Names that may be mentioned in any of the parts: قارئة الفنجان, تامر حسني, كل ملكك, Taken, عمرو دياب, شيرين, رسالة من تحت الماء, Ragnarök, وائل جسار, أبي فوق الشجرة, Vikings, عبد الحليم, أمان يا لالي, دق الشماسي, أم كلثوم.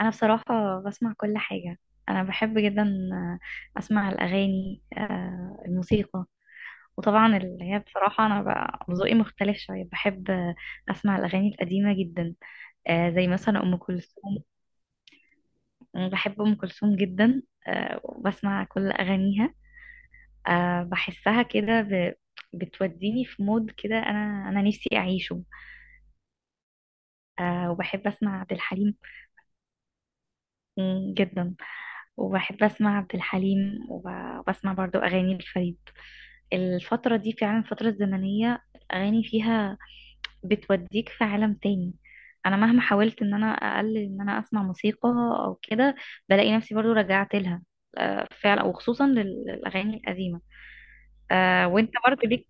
انا بصراحة بسمع كل حاجة. انا بحب جدا اسمع الاغاني، الموسيقى. وطبعا اللي هي بصراحة انا بقى ذوقي مختلف شوية، بحب اسمع الاغاني القديمة جدا، زي مثلا ام كلثوم. أنا بحب ام كلثوم جدا، وبسمع كل اغانيها. بحسها كده بتوديني في مود كده انا نفسي اعيشه. وبحب اسمع عبد الحليم جدا. وبحب اسمع عبد الحليم وبسمع برضو اغاني الفريد. الفترة دي فعلا، الفترة الزمنية الأغاني فيها بتوديك في عالم تاني. أنا مهما حاولت إن أنا أقلل إن أنا أسمع موسيقى أو كده، بلاقي نفسي برضو رجعت لها، فعلا، وخصوصا للأغاني القديمة. وأنت برضو ليك.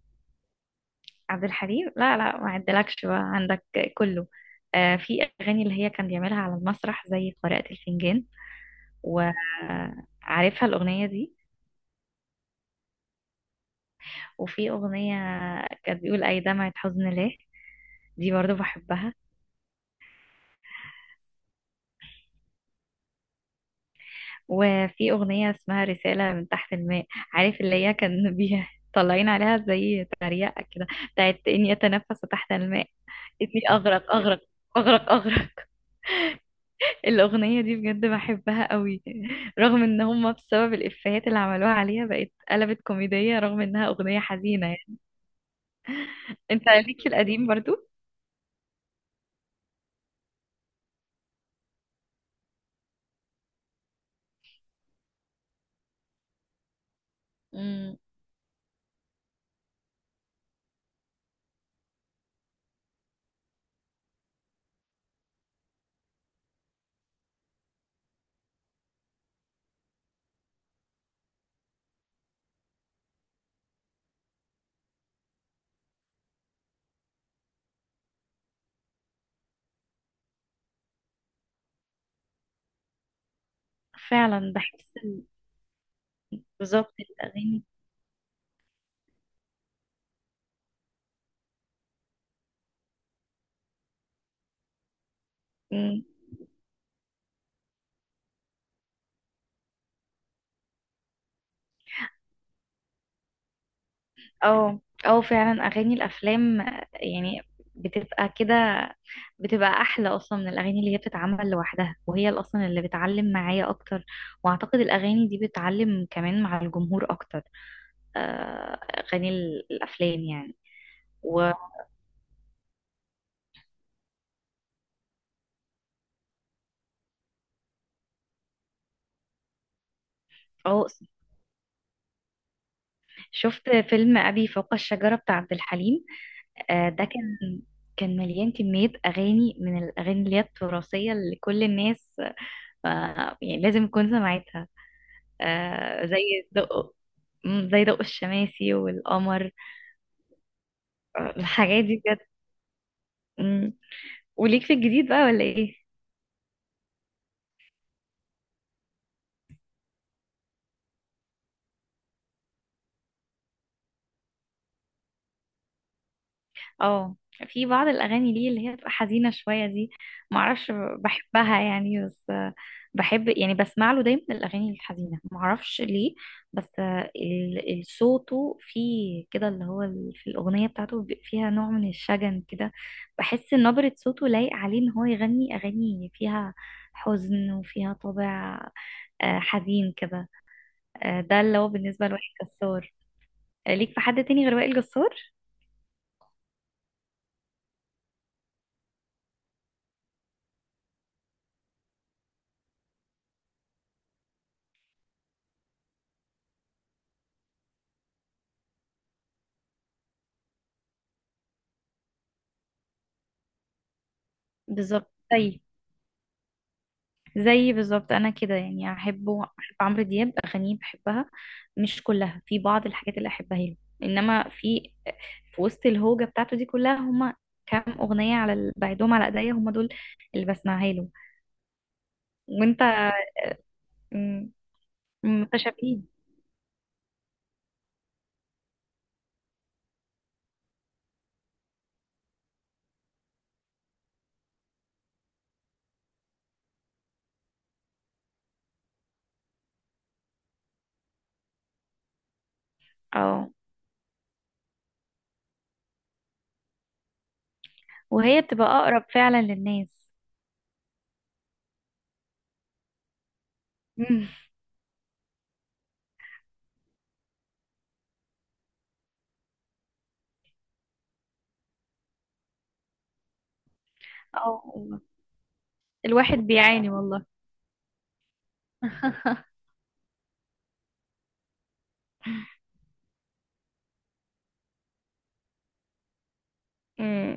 عبد الحليم لا لا، ما عدلكش بقى عندك كله. في أغاني اللي هي كان بيعملها على المسرح زي قارئة الفنجان، وعارفها الأغنية دي. وفي أغنية كانت بيقول أي دمعة حزن ليه، دي برضو بحبها. وفي أغنية اسمها رسالة من تحت الماء، عارف اللي هي كان بيها طالعين عليها زي تريقة كده، بتاعت إني أتنفس تحت الماء، إني أغرق أغرق أغرق أغرق الأغنية دي بجد بحبها قوي، رغم إن هما بسبب الإفيهات اللي عملوها عليها بقت قلبت كوميدية رغم إنها أغنية حزينة يعني. أنت ليك في القديم برضو؟ مم. فعلا بحس بالظبط الأغاني. مم. اه اه، فعلا اغاني الافلام يعني، بتبقى كده، بتبقى احلى اصلا من الاغاني اللي هي بتتعمل لوحدها، وهي اللي اصلا اللي بتعلم معايا اكتر. واعتقد الاغاني دي بتعلم كمان مع الجمهور اكتر، اغاني الافلام يعني. و اه شفت فيلم ابي فوق الشجرة بتاع عبد الحليم؟ ده كان مليان كمية أغاني من الأغاني اللي هي التراثية، اللي كل الناس يعني لازم تكون سمعتها، زي دق، زي دق الشماسي والقمر. الحاجات دي بجد. مم. وليك في الجديد بقى ولا ايه؟ اه، في بعض الاغاني ليه اللي هي بتبقى حزينه شويه دي، معرفش، بحبها يعني بس، بحب يعني بسمع له دايما الاغاني الحزينه، معرفش ليه. بس صوته فيه كده، اللي هو في الاغنيه بتاعته بيبقى فيها نوع من الشجن كده. بحس إن نبره صوته لايق عليه ان هو يغني اغاني فيها حزن وفيها طابع، حزين كده. ده اللي هو بالنسبه لوائل جسار. ليك في حد تاني غير وائل جسار؟ بالظبط. طيب، زي بالظبط انا كده يعني، احبه، احب عمرو دياب، اغانيه بحبها مش كلها، في بعض الحاجات اللي احبها له، انما في في وسط الهوجه بتاعته دي كلها، هما كام اغنيه على بعدهم على ايديا، هما دول اللي بسمعها له. وانت؟ مم. متشابهين. اه، وهي بتبقى اقرب فعلا للناس. مم. اه والله. الواحد بيعاني والله مم.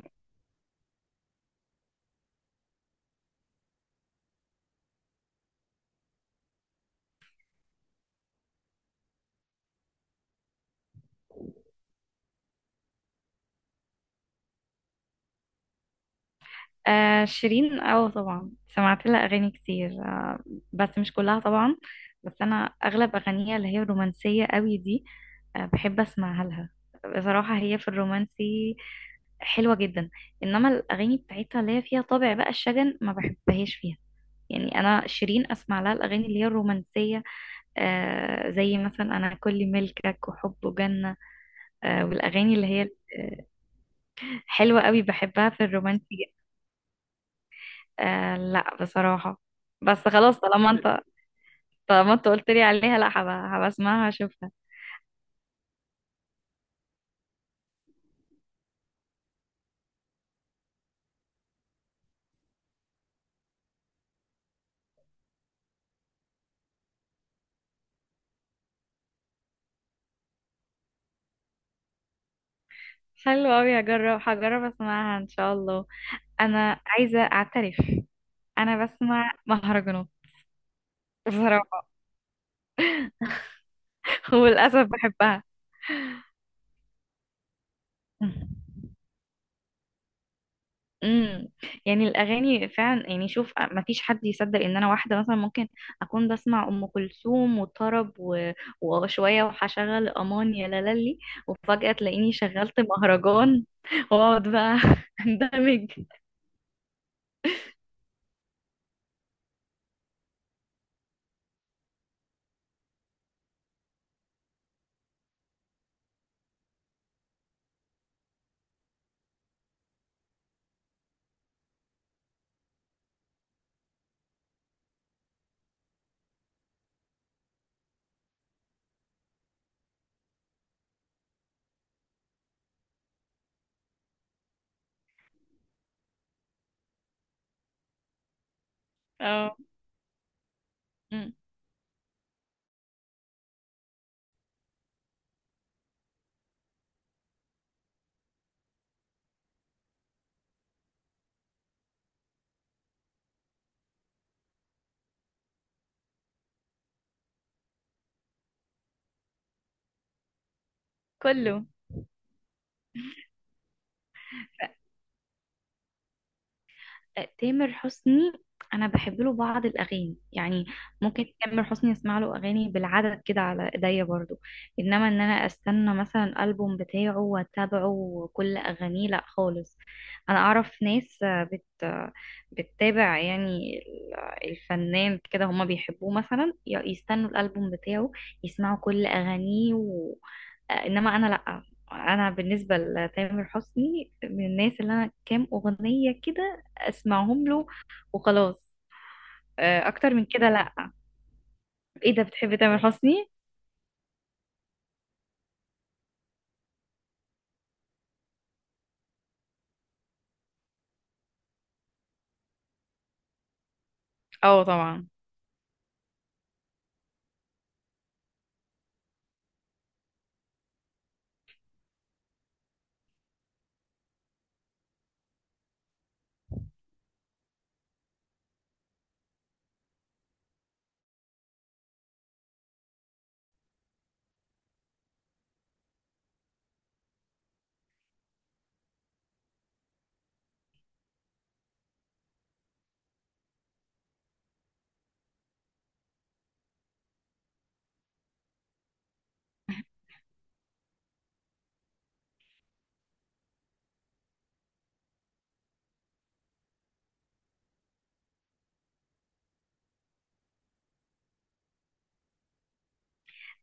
شيرين، اه طبعا سمعت لها اغاني كتير، بس مش كلها طبعا. بس انا اغلب اغانيها اللي هي الرومانسيه قوي دي، بحب اسمعها لها. بصراحه هي في الرومانسي حلوه جدا. انما الاغاني بتاعتها اللي هي فيها طابع بقى الشجن، ما بحبهاش فيها. يعني انا شيرين اسمع لها الاغاني اللي هي الرومانسيه، زي مثلا انا كل ملكك وحب وجنه، والاغاني اللي هي آه، حلوه قوي بحبها في الرومانسي. آه لا بصراحة، بس خلاص طالما انت قلت لي عليها، لا، هبقى اسمعها، هشوفها. حلو قوي، هجرب اسمعها ان شاء الله. انا عايزة اعترف، انا بسمع مهرجانات بصراحة وللاسف بحبها. امم. يعني الاغاني فعلا، يعني شوف، ما فيش حد يصدق ان انا واحده مثلا ممكن اكون بسمع ام كلثوم وطرب و، وشويه وهشغل امان يا لالي، وفجاه تلاقيني شغلت مهرجان واقعد بقى اندمج. اه. أمم. كله. تامر حسني، انا بحب له بعض الاغاني يعني. ممكن تامر حسني اسمع له اغاني بالعدد كده على ايديا برضو، انما ان انا استنى مثلا الالبوم بتاعه واتابعه كل اغانيه، لا خالص. انا اعرف ناس، آه، بت آه، بتتابع يعني الفنان كده، هما بيحبوه مثلا، يستنوا الالبوم بتاعه يسمعوا كل اغانيه و، انما انا لا. انا بالنسبه لتامر حسني من الناس اللي انا كام اغنيه كده اسمعهم له وخلاص، اكتر من كده لا. ايه ده، بتحب تامر حسني؟ اه طبعا.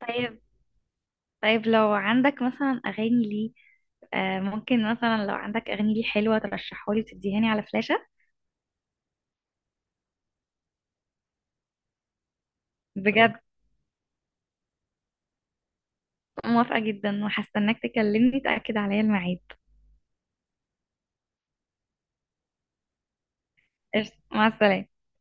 طيب طيب، لو عندك مثلا اغاني ليه، ممكن مثلا لو عندك اغاني ليه حلوه، ترشحها لي وتديها لي على فلاشه. بجد؟ موافقه جدا، وهستناك تكلمني تاكد عليا الميعاد. قشطة، مع السلامه.